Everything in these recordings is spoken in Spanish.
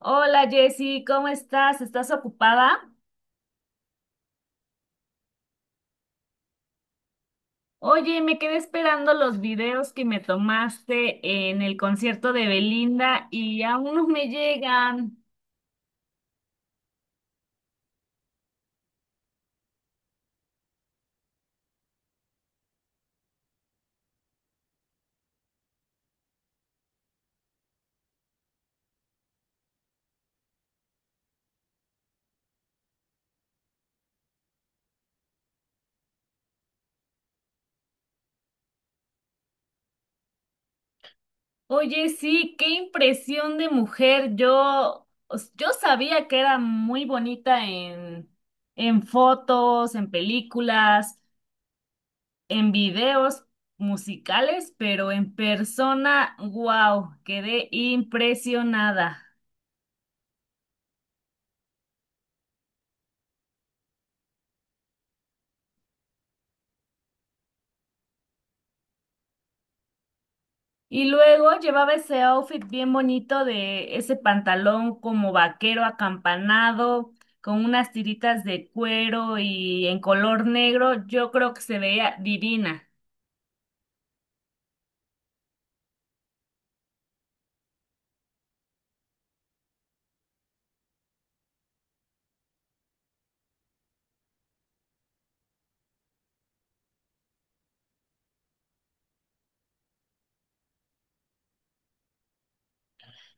Hola, Jessy, ¿cómo estás? ¿Estás ocupada? Oye, me quedé esperando los videos que me tomaste en el concierto de Belinda y aún no me llegan. Oye, sí, qué impresión de mujer. Yo, yo sabía que era muy bonita en fotos, en películas, en videos musicales, pero en persona, wow, quedé impresionada. Y luego llevaba ese outfit bien bonito de ese pantalón como vaquero acampanado, con unas tiritas de cuero y en color negro. Yo creo que se veía divina.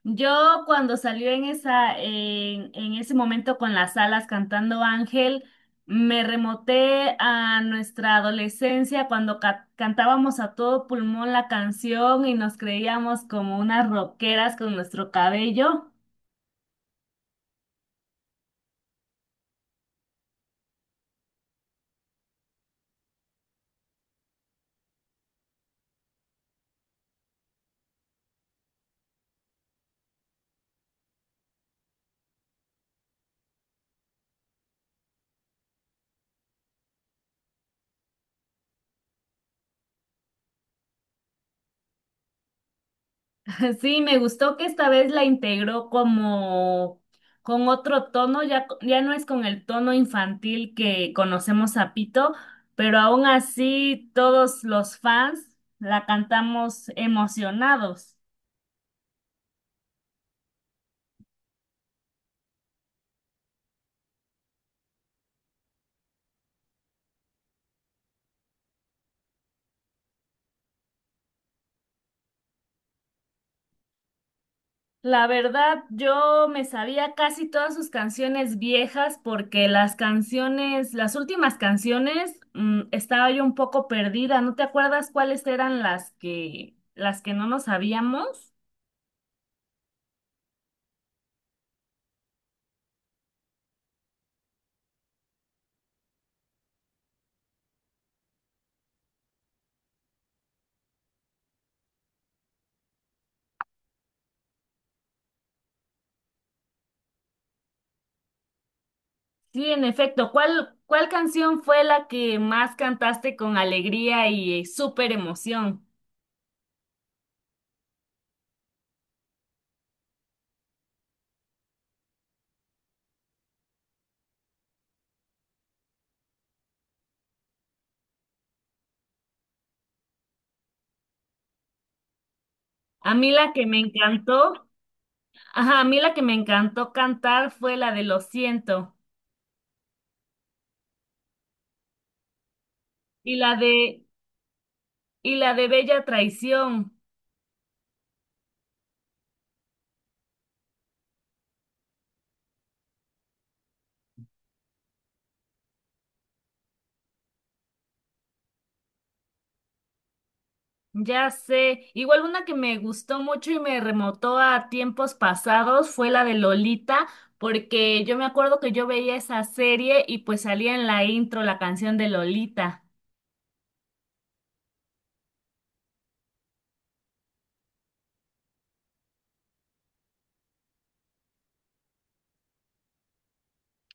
Yo cuando salió en esa, en ese momento con las alas cantando Ángel, me remoté a nuestra adolescencia cuando cantábamos a todo pulmón la canción y nos creíamos como unas rockeras con nuestro cabello. Sí, me gustó que esta vez la integró como con otro tono, ya, ya no es con el tono infantil que conocemos a Pito, pero aún así todos los fans la cantamos emocionados. La verdad, yo me sabía casi todas sus canciones viejas porque las canciones, las últimas canciones, estaba yo un poco perdida. ¿No te acuerdas cuáles eran las que no nos sabíamos? Sí, en efecto. ¿Cuál, cuál canción fue la que más cantaste con alegría y súper emoción? A mí la que me encantó, ajá, a mí la que me encantó cantar fue la de Lo siento y la de y la de Bella Traición. Ya sé. Igual una que me gustó mucho y me remotó a tiempos pasados fue la de Lolita, porque yo me acuerdo que yo veía esa serie y pues salía en la intro la canción de Lolita,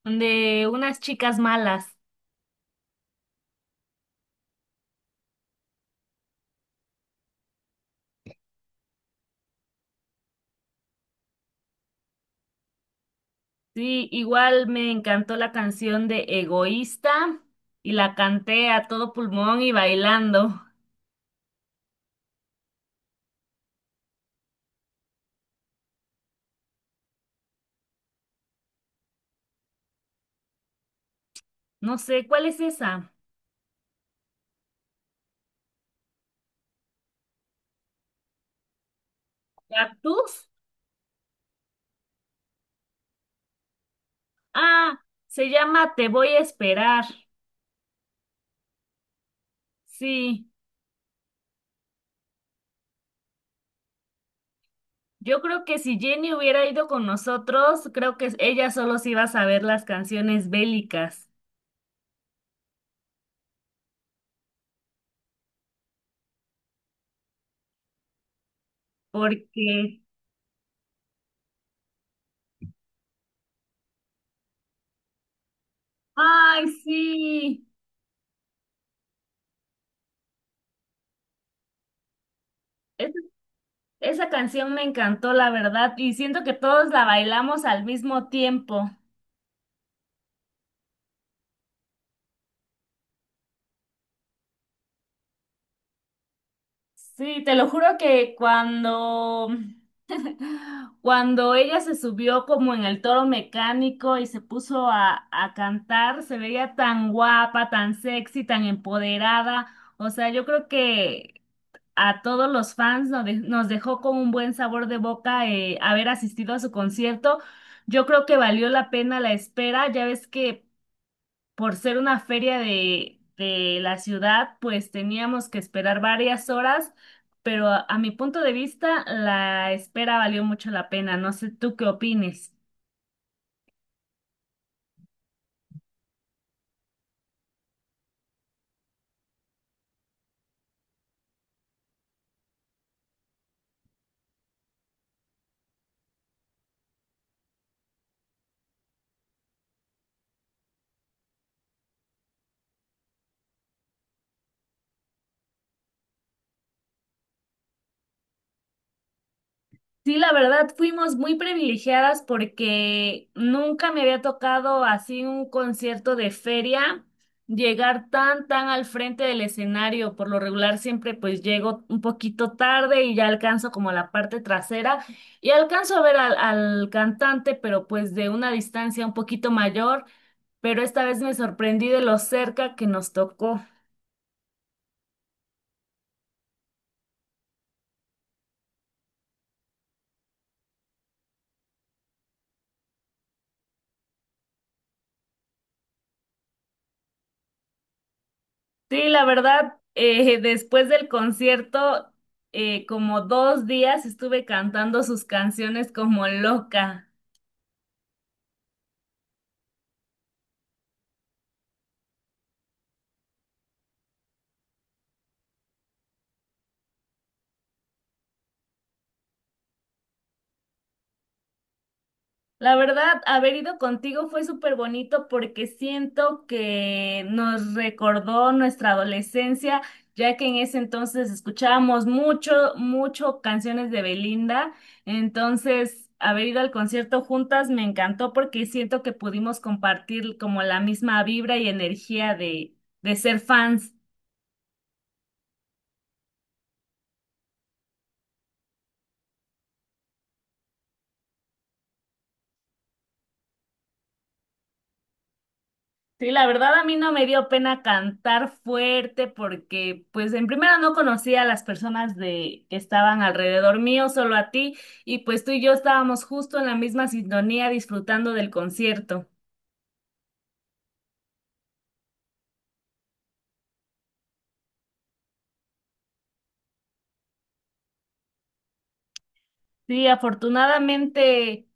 de unas chicas malas. Sí, igual me encantó la canción de Egoísta y la canté a todo pulmón y bailando. No sé, ¿cuál es esa? ¿Cactus? Ah, se llama Te voy a esperar. Sí, yo creo que si Jenny hubiera ido con nosotros, creo que ella solo se iba a saber las canciones bélicas, porque, ay, sí, es- esa canción me encantó, la verdad, y siento que todos la bailamos al mismo tiempo. Sí, te lo juro que cuando, cuando ella se subió como en el toro mecánico y se puso a cantar, se veía tan guapa, tan sexy, tan empoderada. O sea, yo creo que a todos los fans nos, nos dejó con un buen sabor de boca, haber asistido a su concierto. Yo creo que valió la pena la espera. Ya ves que por ser una feria de la ciudad, pues teníamos que esperar varias horas, pero a mi punto de vista, la espera valió mucho la pena. No sé tú qué opines. Sí, la verdad, fuimos muy privilegiadas porque nunca me había tocado así un concierto de feria, llegar tan, tan al frente del escenario. Por lo regular siempre pues llego un poquito tarde y ya alcanzo como la parte trasera y alcanzo a ver al, al cantante, pero pues de una distancia un poquito mayor, pero esta vez me sorprendí de lo cerca que nos tocó. Sí, la verdad, después del concierto, como dos días estuve cantando sus canciones como loca. La verdad, haber ido contigo fue súper bonito porque siento que nos recordó nuestra adolescencia, ya que en ese entonces escuchábamos mucho, mucho canciones de Belinda. Entonces, haber ido al concierto juntas me encantó porque siento que pudimos compartir como la misma vibra y energía de ser fans. Sí, la verdad a mí no me dio pena cantar fuerte porque pues en primera no conocía a las personas de que estaban alrededor mío, solo a ti, y pues tú y yo estábamos justo en la misma sintonía disfrutando del concierto. Sí, afortunadamente,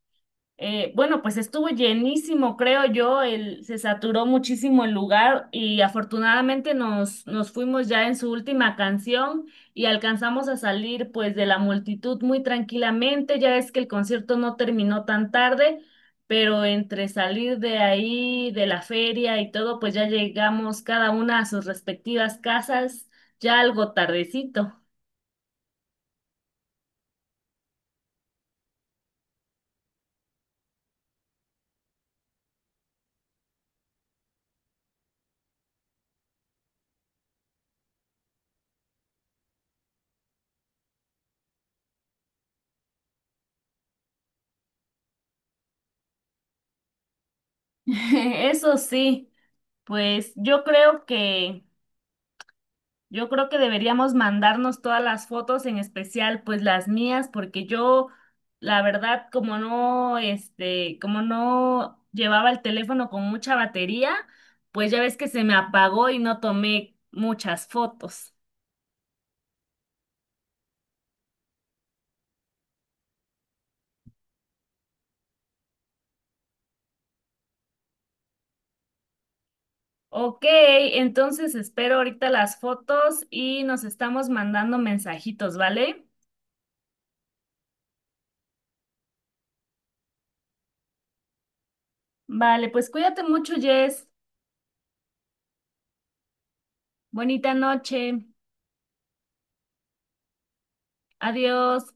eh, bueno, pues estuvo llenísimo, creo yo, el, se saturó muchísimo el lugar y afortunadamente nos fuimos ya en su última canción y alcanzamos a salir pues de la multitud muy tranquilamente, ya es que el concierto no terminó tan tarde, pero entre salir de ahí, de la feria y todo, pues ya llegamos cada una a sus respectivas casas ya algo tardecito. Eso sí, pues yo creo que... Yo creo que deberíamos mandarnos todas las fotos, en especial pues las mías, porque yo, la verdad, como no, este, como no llevaba el teléfono con mucha batería, pues ya ves que se me apagó y no tomé muchas fotos. Ok, entonces espero ahorita las fotos y nos estamos mandando mensajitos, ¿vale? Vale, pues cuídate mucho, Jess. Bonita noche. Adiós.